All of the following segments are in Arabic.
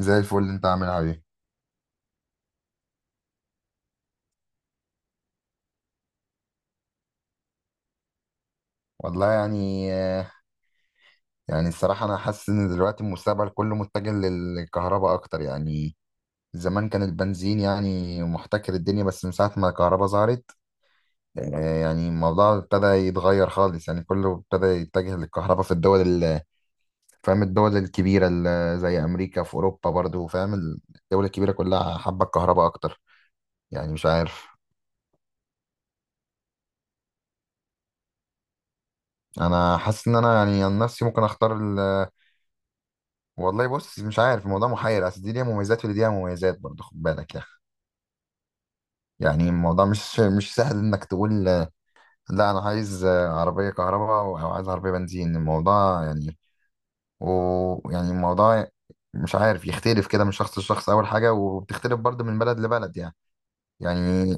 زي الفل. اللي انت عاملها ايه؟ والله يعني، الصراحة أنا حاسس إن دلوقتي المستقبل كله متجه للكهرباء أكتر يعني. زمان كان البنزين يعني محتكر الدنيا، بس من ساعة ما الكهرباء ظهرت يعني الموضوع ابتدى يتغير خالص. يعني كله ابتدى يتجه للكهرباء في فاهم؟ الدول الكبيرة زي أمريكا، في أوروبا برضو. فاهم؟ الدول الكبيرة كلها حابة الكهرباء أكتر، يعني مش عارف. أنا حاسس إن أنا يعني عن نفسي ممكن أختار. والله بص، مش عارف، الموضوع محير، اصل دي ليها مميزات ودي ليها مميزات برضه، خد بالك يعني. يعني الموضوع مش سهل انك تقول لا انا عايز عربيه كهرباء او عايز عربيه بنزين، الموضوع يعني، ويعني الموضوع مش عارف، يختلف كده من شخص لشخص اول حاجه، وبتختلف برضه من بلد لبلد يعني. يعني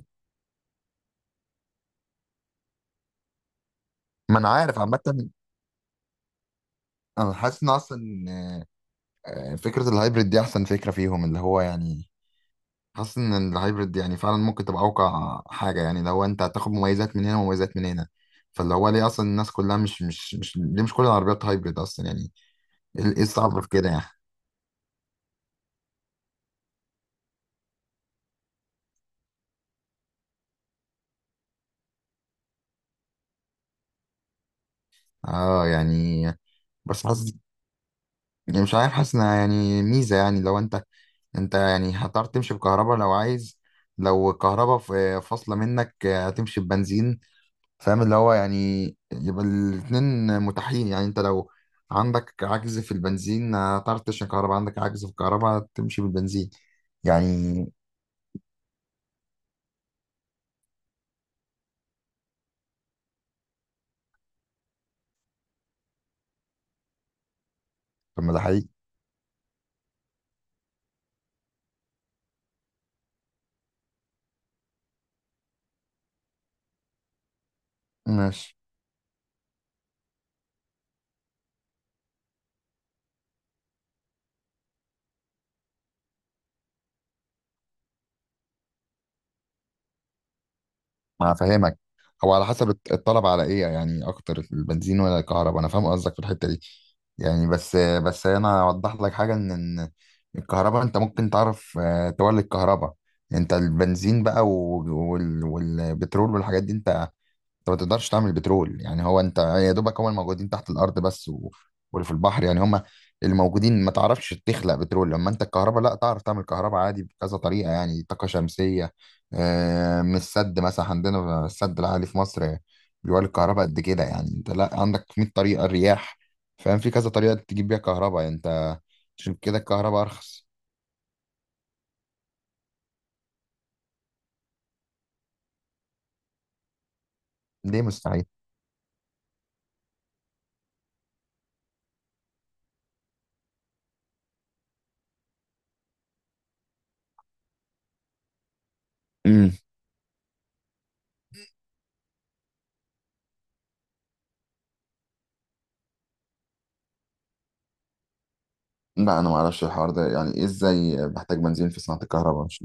ما انا عارف عامه. انا حاسس ان اصلا فكره الهايبريد دي احسن فكره فيهم. اللي هو يعني حاسس ان الهايبرد يعني فعلا ممكن تبقى اوقع حاجه، يعني لو انت هتاخد مميزات من هنا ومميزات من هنا. فاللي هو ليه اصلا الناس كلها مش مش مش ليه مش كل العربيات هايبرد اصلا يعني؟ إيه الصعب في كده يعني؟ اه يعني بس حاسس، يعني مش عارف، حاسس انها يعني ميزه. يعني لو انت يعني هتعرف تمشي بكهرباء لو عايز، لو الكهرباء فاصله منك هتمشي ببنزين. فاهم؟ اللي هو يعني يبقى الاتنين متاحين، يعني انت لو عندك عجز في البنزين هتعرف تشحن كهرباء، عندك عجز في الكهرباء تمشي بالبنزين يعني. طب ما ده حقيقي. ماشي. ما فاهمك. هو على حسب الطلب على ايه يعني اكتر، البنزين ولا الكهرباء. انا فاهم قصدك في الحتة دي يعني، بس انا اوضح لك حاجة، ان الكهرباء انت ممكن تعرف تولد كهرباء. انت البنزين بقى والبترول والحاجات دي، انت ما تقدرش تعمل بترول، يعني هو انت يا دوبك هم الموجودين تحت الارض بس، و... واللي في البحر يعني، هم اللي موجودين، ما تعرفش تخلق بترول. لما انت الكهرباء لا، تعرف تعمل كهرباء عادي بكذا طريقه، يعني طاقه شمسيه، من السد مثلا، عندنا السد العالي في مصر بيولد الكهرباء قد كده. يعني انت لا عندك 100 طريقه، الرياح، فاهم؟ في كذا طريقه تجيب بيها كهرباء يعني انت. عشان كده الكهرباء ارخص. ليه مستحيل؟ امم. لا انا ما اعرفش الحوار ده يعني ايه، ازاي بحتاج بنزين في صناعه الكهرباء؟ مش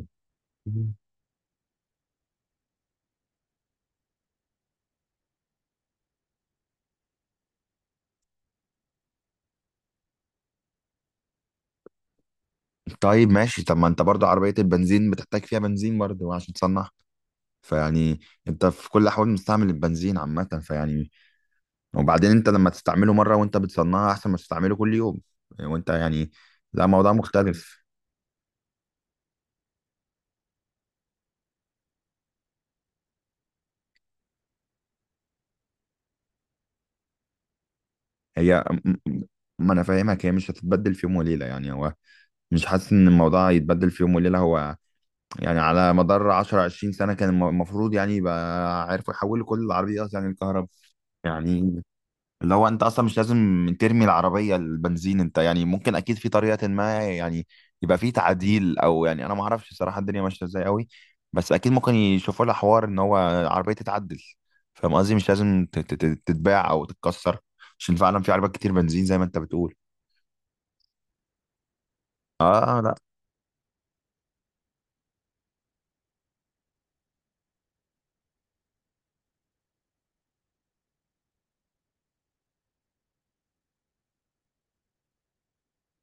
طيب. ماشي، طب ما انت برضو عربية البنزين بتحتاج فيها بنزين برضو عشان تصنعها، فيعني انت في كل الاحوال مستعمل البنزين عامة. فيعني وبعدين انت لما تستعمله مرة وانت بتصنعها احسن ما تستعمله كل يوم. وانت يعني لا، موضوع مختلف. هي م- م- ما انا فاهمك، هي مش هتتبدل في يوم وليلة يعني. هو مش حاسس ان الموضوع يتبدل في يوم وليلة. هو يعني على مدار 10 20 سنة كان المفروض يعني يبقى عارفوا يحولوا كل العربيات يعني الكهرباء. يعني اللي هو انت اصلا مش لازم ترمي العربيه البنزين، انت يعني ممكن اكيد في طريقه ما يعني يبقى في تعديل، او يعني انا ما اعرفش صراحه الدنيا ماشيه ازاي قوي، بس اكيد ممكن يشوفوا لها حوار ان هو العربيه تتعدل. فاهم قصدي؟ مش لازم تتباع او تتكسر، عشان فعلا في عربيات كتير بنزين زي ما انت بتقول. اه لا.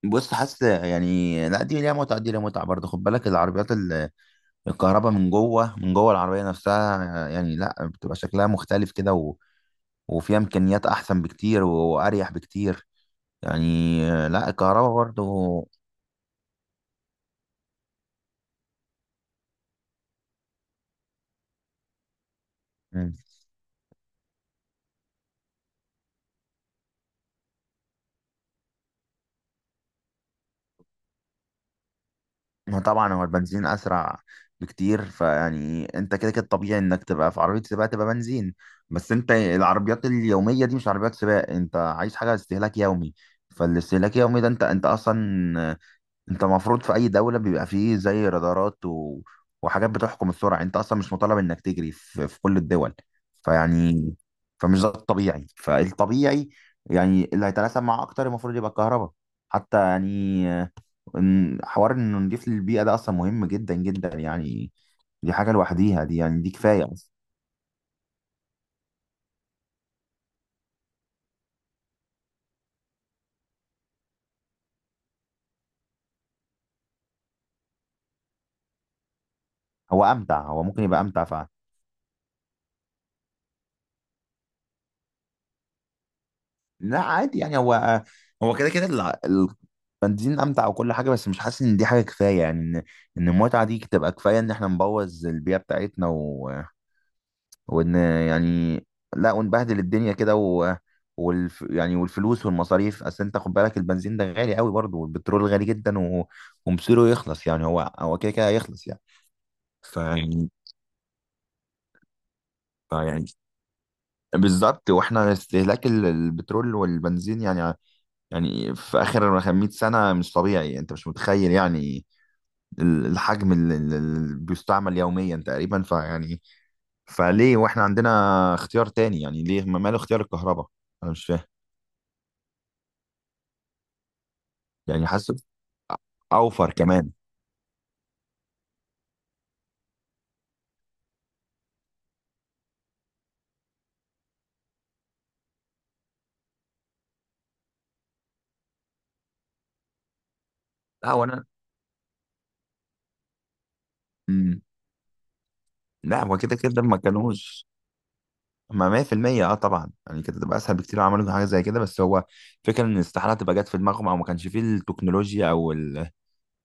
بص حاسس يعني لا دي ليها متعه، دي ليها متعه برضه، خد بالك. العربيات الكهرباء من جوه العربيه نفسها، يعني لا بتبقى شكلها مختلف كده وفيها امكانيات احسن بكتير واريح بكتير، يعني لا الكهرباء برضو. مم. ما طبعا هو البنزين اسرع بكتير، فيعني انت كده كده طبيعي انك تبقى في عربيه سباق تبقى بنزين، بس انت العربيات اليوميه دي مش عربيات سباق. انت عايز حاجه استهلاك يومي، فالاستهلاك اليومي ده انت اصلا، انت المفروض في اي دولة بيبقى فيه زي رادارات و... وحاجات بتحكم السرعة، انت اصلا مش مطالب انك تجري في كل الدول. فيعني فمش ده الطبيعي، فالطبيعي يعني اللي هيتلاشى اكتر المفروض يبقى الكهرباء. حتى يعني حوار انه نضيف للبيئة ده اصلا مهم جدا جدا يعني، دي حاجة لوحديها دي، يعني دي كفاية اصلا. هو امتع، هو ممكن يبقى امتع. لا عادي يعني، هو هو كده كده البنزين امتع وكل حاجه، بس مش حاسس ان دي حاجه كفايه، يعني ان المتعه دي تبقى كفايه ان احنا نبوظ البيئه بتاعتنا، و... وان يعني لا، ونبهدل الدنيا كده، و... يعني والفلوس والمصاريف. اصل انت خد بالك البنزين ده غالي قوي برضه، والبترول غالي جدا، و... ومصيره يخلص، يعني هو هو كده كده هيخلص يعني. فيعني فيعني بالظبط. واحنا استهلاك البترول والبنزين يعني، يعني في اخر 100 سنه مش طبيعي، انت مش متخيل يعني الحجم اللي بيستعمل يوميا تقريبا، فيعني فليه واحنا عندنا اختيار تاني، يعني ليه ماله اختيار الكهرباء؟ انا مش فاهم. يعني حاسس اوفر كمان. لا وانا مم. لا هو كده كده ما كانوش. ما 100% اه طبعا، يعني كده تبقى اسهل بكتير لو عملوا حاجه زي كده، بس هو فكره ان استحاله تبقى جت في دماغهم، او ما كانش فيه التكنولوجيا او ال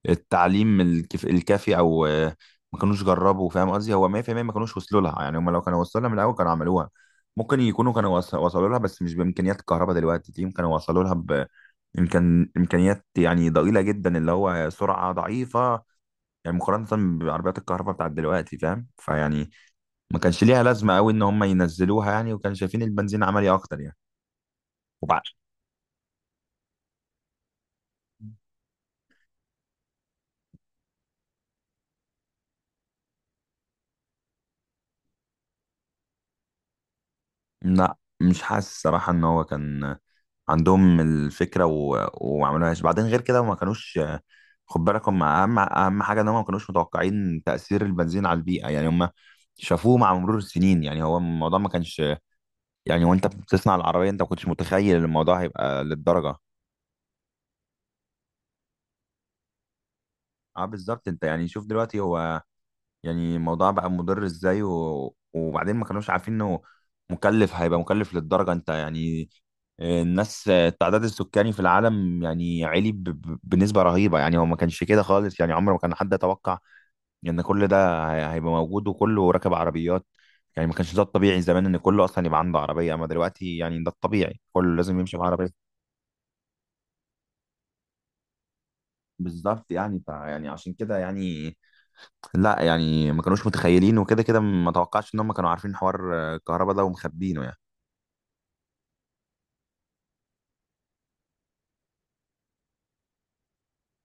التعليم الكافي، او ما كانوش جربوا. فاهم قصدي؟ هو 100% ما كانوش وصلوا لها، يعني هم لو كانوا وصلوا لها من الاول كانوا عملوها. ممكن يكونوا كانوا وصلوا لها، بس مش بامكانيات الكهرباء دلوقتي دي كانوا وصلوا لها. امكانيات يعني ضئيله جدا، اللي هو سرعه ضعيفه، يعني مقارنه بعربيات الكهرباء بتاعت دلوقتي. فاهم؟ فيعني ما كانش ليها لازمه قوي ان هم ينزلوها يعني، وكانوا شايفين البنزين عملي اكتر يعني. وبع- لا مش حاسس صراحة ان هو كان عندهم الفكره و... وما عملوهاش، بعدين غير كده ما كانوش. خد بالك هم اهم حاجه ان هم ما كانوش متوقعين تاثير البنزين على البيئه، يعني هم شافوه مع مرور السنين. يعني هو الموضوع ما كانش يعني، وانت بتصنع العربيه انت ما كنتش متخيل الموضوع هيبقى للدرجه. اه بالظبط. انت يعني شوف دلوقتي، هو يعني الموضوع بقى مضر ازاي، و... وبعدين ما كانوش عارفين انه مكلف، هيبقى مكلف للدرجة. انت يعني الناس التعداد السكاني في العالم يعني عالي بنسبة رهيبة، يعني هو ما كانش كده خالص يعني. عمر ما كان حد يتوقع ان كل ده هيبقى موجود وكله راكب عربيات. يعني ما كانش ده الطبيعي زمان، ان كله اصلا يبقى عنده عربية، اما دلوقتي يعني ده الطبيعي، كله لازم يمشي بعربية. بالظبط يعني، ف يعني عشان كده يعني لا، يعني ما كانوش متخيلين، وكده كده ما توقعش ان هم كانوا عارفين حوار الكهرباء ده ومخبينه يعني.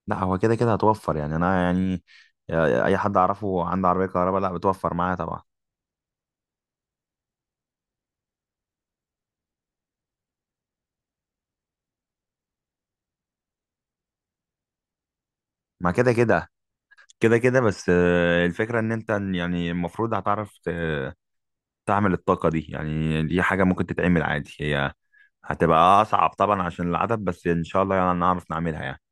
لا هو كده كده هتوفر يعني انا يعني اي حد اعرفه عنده عربية كهرباء لا بتوفر معاه طبعا. ما كده كده كده كده، بس الفكرة ان انت يعني المفروض هتعرف تعمل الطاقة دي، يعني دي حاجة ممكن تتعمل عادي. هي هتبقى اصعب طبعا عشان العدد، بس ان شاء الله يعني نعرف نعملها يعني.